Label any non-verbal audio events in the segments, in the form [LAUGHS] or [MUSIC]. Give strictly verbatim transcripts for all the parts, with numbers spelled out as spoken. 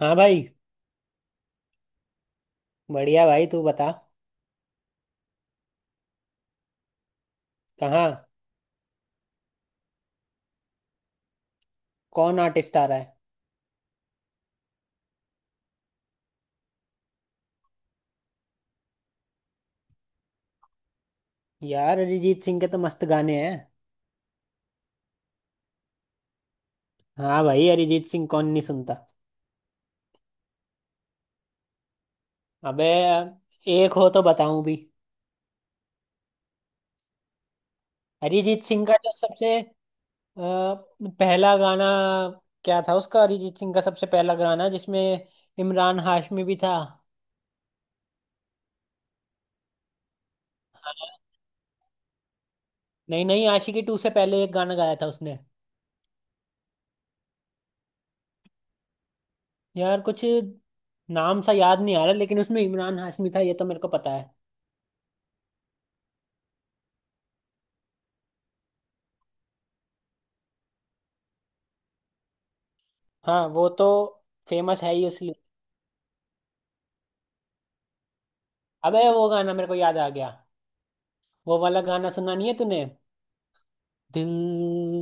हाँ भाई। बढ़िया भाई, तू बता। कहाँ? कौन आर्टिस्ट आ रहा है? यार, अरिजीत सिंह के तो मस्त गाने हैं। हाँ भाई, अरिजीत सिंह कौन नहीं सुनता। अबे, एक हो तो बताऊं भी। अरिजीत सिंह का जो सबसे अ, पहला गाना क्या था उसका? अरिजीत सिंह का सबसे पहला गाना जिसमें इमरान हाशमी भी था। हाँ। नहीं नहीं, आशिकी टू से पहले एक गाना गाया था उसने। यार, कुछ नाम सा याद नहीं आ रहा, लेकिन उसमें इमरान हाशमी था, ये तो मेरे को पता है। हाँ, वो तो फेमस है ही इसलिए। अबे, वो गाना मेरे को याद आ गया। वो वाला गाना सुना नहीं है तूने? दिल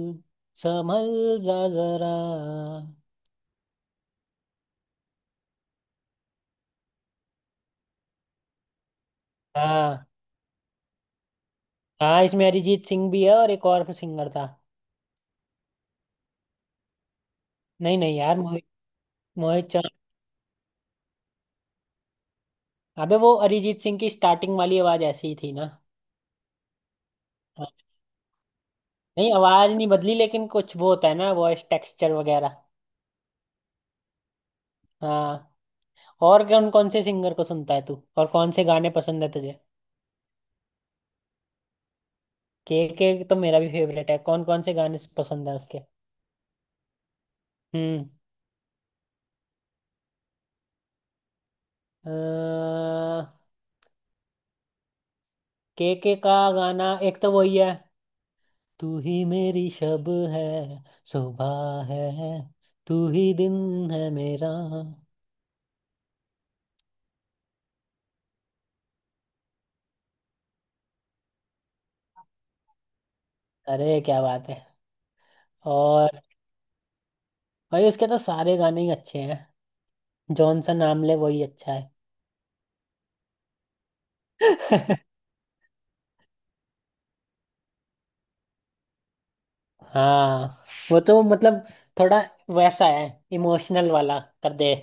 संभल जा जरा। हाँ हाँ, इसमें अरिजीत सिंह भी है, और एक और सिंगर था। नहीं नहीं यार, मोहित। मोहित चौहान। अबे, वो अरिजीत सिंह की स्टार्टिंग वाली आवाज ऐसी ही थी ना। हाँ, नहीं, आवाज नहीं बदली, लेकिन कुछ वो होता है ना, वॉइस टेक्सचर वगैरह। हाँ। और कौन कौन से सिंगर को सुनता है तू? और कौन से गाने पसंद है तुझे? के के तो मेरा भी फेवरेट है। कौन कौन से गाने पसंद है उसके? हम्म के के का गाना एक तो वही है। तू ही मेरी शब है, सुबह है, तू ही दिन है मेरा। अरे, क्या बात है। और भाई, उसके तो सारे गाने ही अच्छे हैं। जॉनसन आमले वही अच्छा है। [LAUGHS] हाँ, वो तो मतलब थोड़ा वैसा है। इमोशनल वाला कर दे।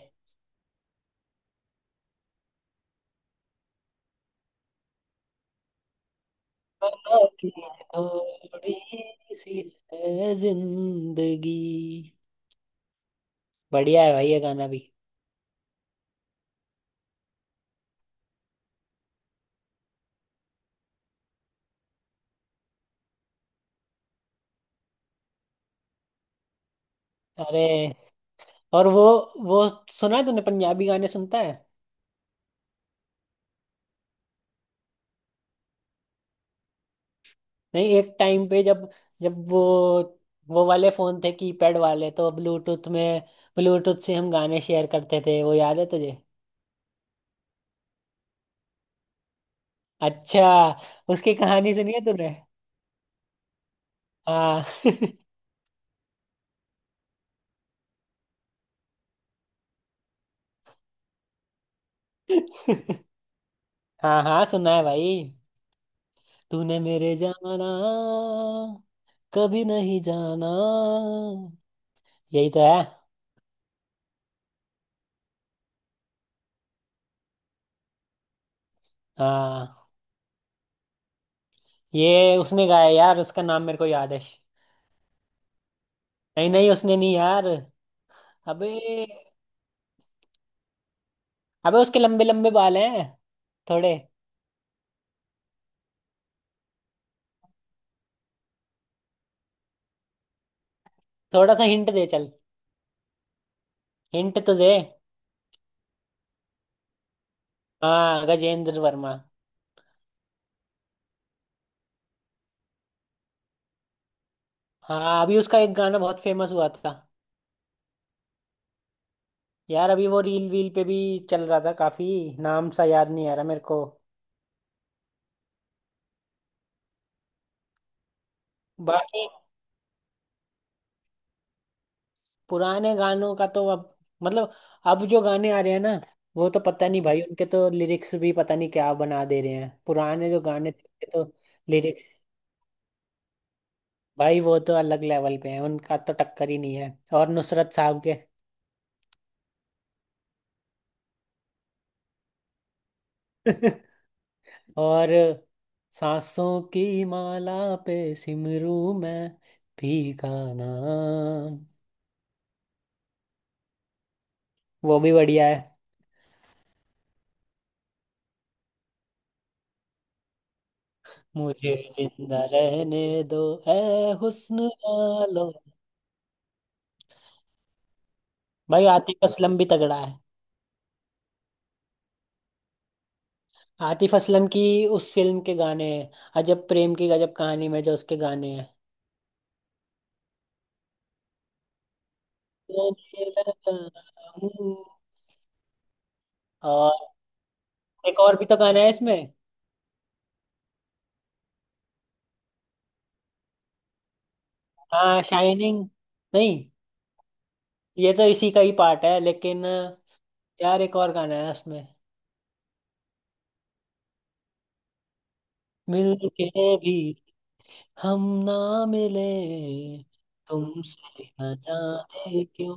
[LAUGHS] बला की थोड़ी सी है जिंदगी। बढ़िया है भाई ये गाना भी। अरे, और वो वो सुना है तूने? पंजाबी गाने सुनता है? नहीं, एक टाइम पे जब जब वो वो वाले फोन थे कीपैड वाले, तो ब्लूटूथ में ब्लूटूथ से हम गाने शेयर करते थे, वो याद है तुझे? अच्छा, उसकी कहानी सुनी है तूने? हाँ। [LAUGHS] हाँ हाँ, सुना है भाई। तूने मेरे जाना, कभी नहीं जाना, यही तो है। हाँ, ये उसने गाया यार, उसका नाम मेरे को याद है। नहीं नहीं, उसने नहीं यार। अबे अबे, उसके लंबे लंबे बाल हैं थोड़े। थोड़ा सा हिंट दे चल। हिंट तो दे। हाँ, गजेंद्र वर्मा। हाँ, अभी उसका एक गाना बहुत फेमस हुआ था। यार, अभी वो रील वील पे भी चल रहा था काफी। नाम सा याद नहीं आ रहा मेरे को। बाकी पुराने गानों का तो अब, मतलब अब जो गाने आ रहे हैं ना, वो तो पता नहीं भाई, उनके तो लिरिक्स भी पता नहीं क्या बना दे रहे हैं। पुराने जो गाने थे, उनके तो लिरिक्स। भाई वो तो अलग लेवल पे हैं, उनका तो टक्कर ही नहीं है। और नुसरत साहब के। और सांसों की माला पे सिमरू मैं, भी का नाम। वो भी बढ़िया है। मुझे जिंदा रहने दो, ए हुस्न वालो। भाई आतिफ असलम भी तगड़ा है। आतिफ असलम की उस फिल्म के गाने हैं, अजब प्रेम की गजब कहानी में जो उसके गाने हैं। रोने लगा हूँ। और एक और भी तो गाना है इसमें। हाँ, शाइनिंग नहीं। ये तो इसी का ही पार्ट है लेकिन। यार, एक और गाना है उसमें। मिलके भी हम ना मिले, तुमसे ना जाने क्यों।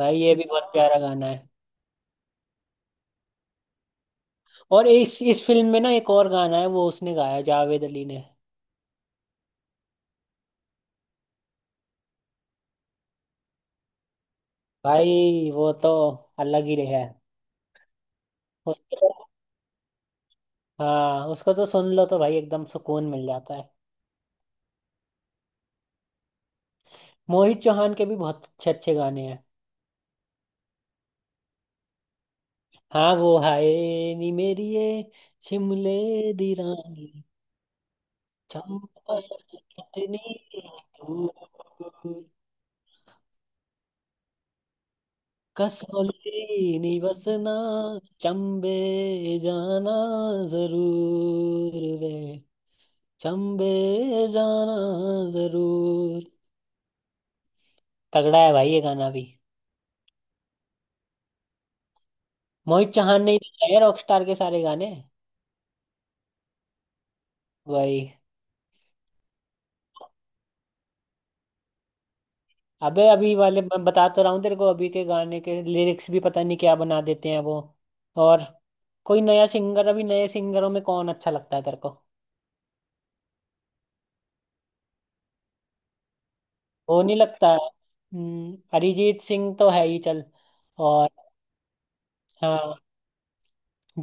भाई, ये भी बहुत प्यारा गाना है। और इस इस फिल्म में ना, एक और गाना है वो उसने गाया जावेद अली ने। भाई, वो तो अलग ही रहा है। उसको हाँ, उसको तो सुन लो तो भाई एकदम सुकून मिल जाता है। मोहित चौहान के भी बहुत अच्छे अच्छे गाने हैं। हाँ, वो हाय नी मेरी ये, शिमले दी रानी, चंपा कितनी दूर। कसौली नहीं बसना, चंबे जाना जरूर वे, चंबे जाना जरूर। तगड़ा है भाई ये गाना भी। मोहित चौहान ने ही तो गाए रॉकस्टार के सारे गाने। भाई। अबे, अभी वाले मैं बता तो रहा हूँ तेरे को, अभी के गाने के लिरिक्स भी पता नहीं क्या बना देते हैं वो। और कोई नया सिंगर अभी नए सिंगरों में कौन अच्छा लगता है तेरे को? वो नहीं लगता है? हम्म, अरिजीत सिंह तो है ही, चल। और हाँ,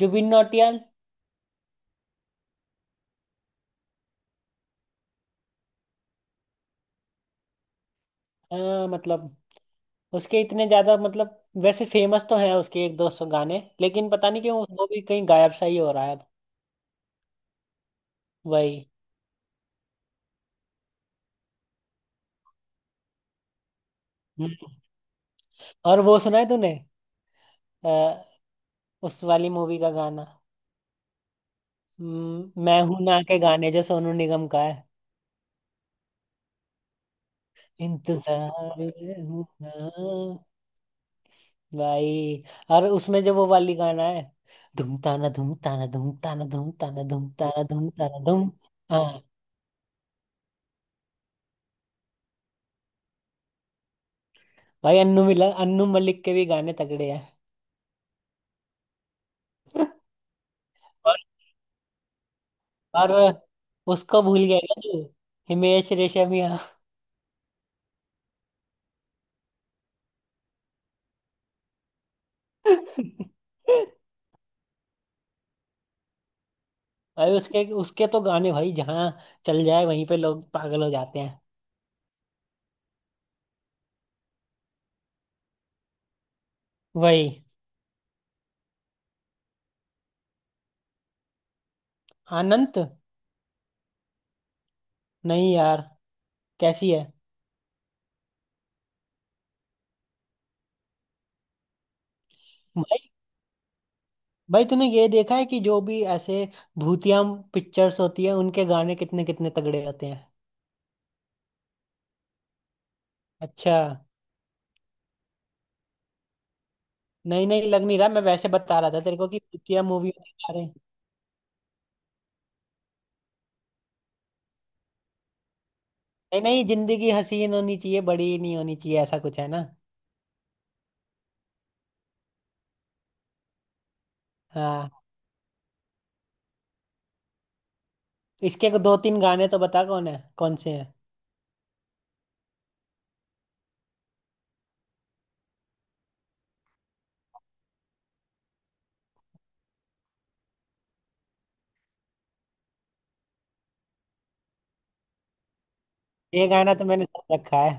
जुबिन नौटियाल। अ, मतलब उसके इतने ज्यादा, मतलब वैसे फेमस तो हैं उसके एक दो सौ गाने, लेकिन पता नहीं क्यों वो भी कहीं गायब सा ही हो रहा है अब। वही। हम्म, और वो सुना है तूने? अ, उस वाली मूवी का गाना। हम्म, मैं हूं ना के गाने जो सोनू निगम का है। इंतजार में हूं ना। भाई, और उसमें जो वो वाली गाना है, धूम ताना धूम ताना धूम ताना धूम ताना धूम ताना धूम ताना धूम। हाँ भाई, अन्नू मिला अन्नू मलिक के भी गाने तगड़े हैं। और उसको भूल गया क्या तू? हिमेश रेशमिया। [LAUGHS] भाई, उसके उसके तो गाने भाई, जहाँ चल जाए वहीं पे लोग पागल हो जाते हैं। वही। अनंत। नहीं यार, कैसी है? भाई भाई, तूने ये देखा है कि जो भी ऐसे भूतिया पिक्चर्स होती है, उनके गाने कितने कितने तगड़े होते हैं। अच्छा। नहीं नहीं, लग नहीं रहा। मैं वैसे बता रहा था तेरे को कि भूतिया मूवी होने जा रहे हैं। नहीं नहीं, जिंदगी हसीन होनी चाहिए, बड़ी नहीं होनी चाहिए, ऐसा कुछ है ना। हाँ। इसके दो तीन गाने तो बता, कौन है, कौन से हैं? ये गाना तो मैंने सुन रखा है।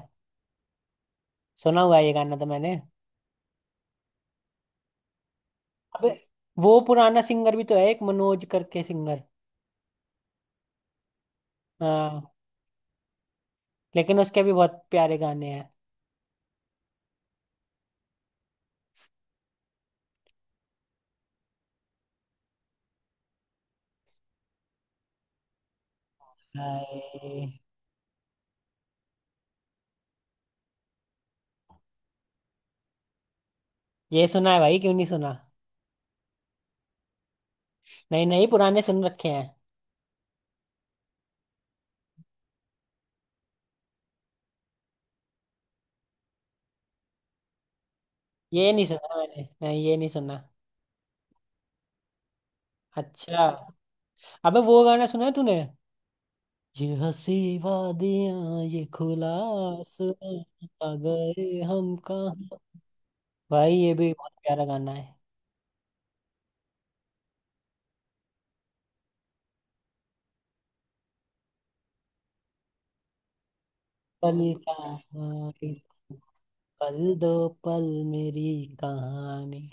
सुना हुआ है ये गाना तो मैंने। अबे, वो पुराना सिंगर भी तो है, एक मनोज करके सिंगर। हाँ, लेकिन उसके भी बहुत प्यारे गाने हैं। हाय। ये सुना है भाई, क्यों नहीं सुना। नहीं नहीं, पुराने सुन रखे हैं। ये नहीं सुना मैंने, नहीं ये नहीं सुना। अच्छा। अबे, वो गाना सुना है तूने? ये हंसी वादियां, ये खुला आसमां, आ गए हम कहाँ। भाई, ये भी बहुत प्यारा गाना है। पल कहाँ, इस पल दो पल मेरी कहानी।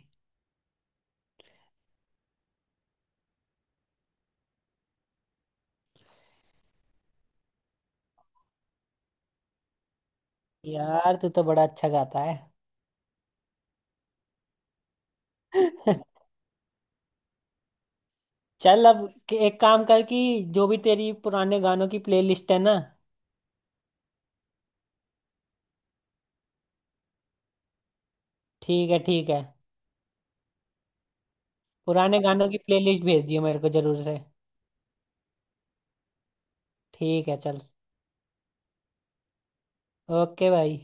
यार, तू तो बड़ा अच्छा गाता है। [LAUGHS] चल, अब क- एक काम कर कि जो भी तेरी पुराने गानों की प्लेलिस्ट है ना। ठीक है, ठीक है। पुराने गानों की प्लेलिस्ट भेज दियो मेरे को जरूर से। ठीक है, चल। ओके भाई।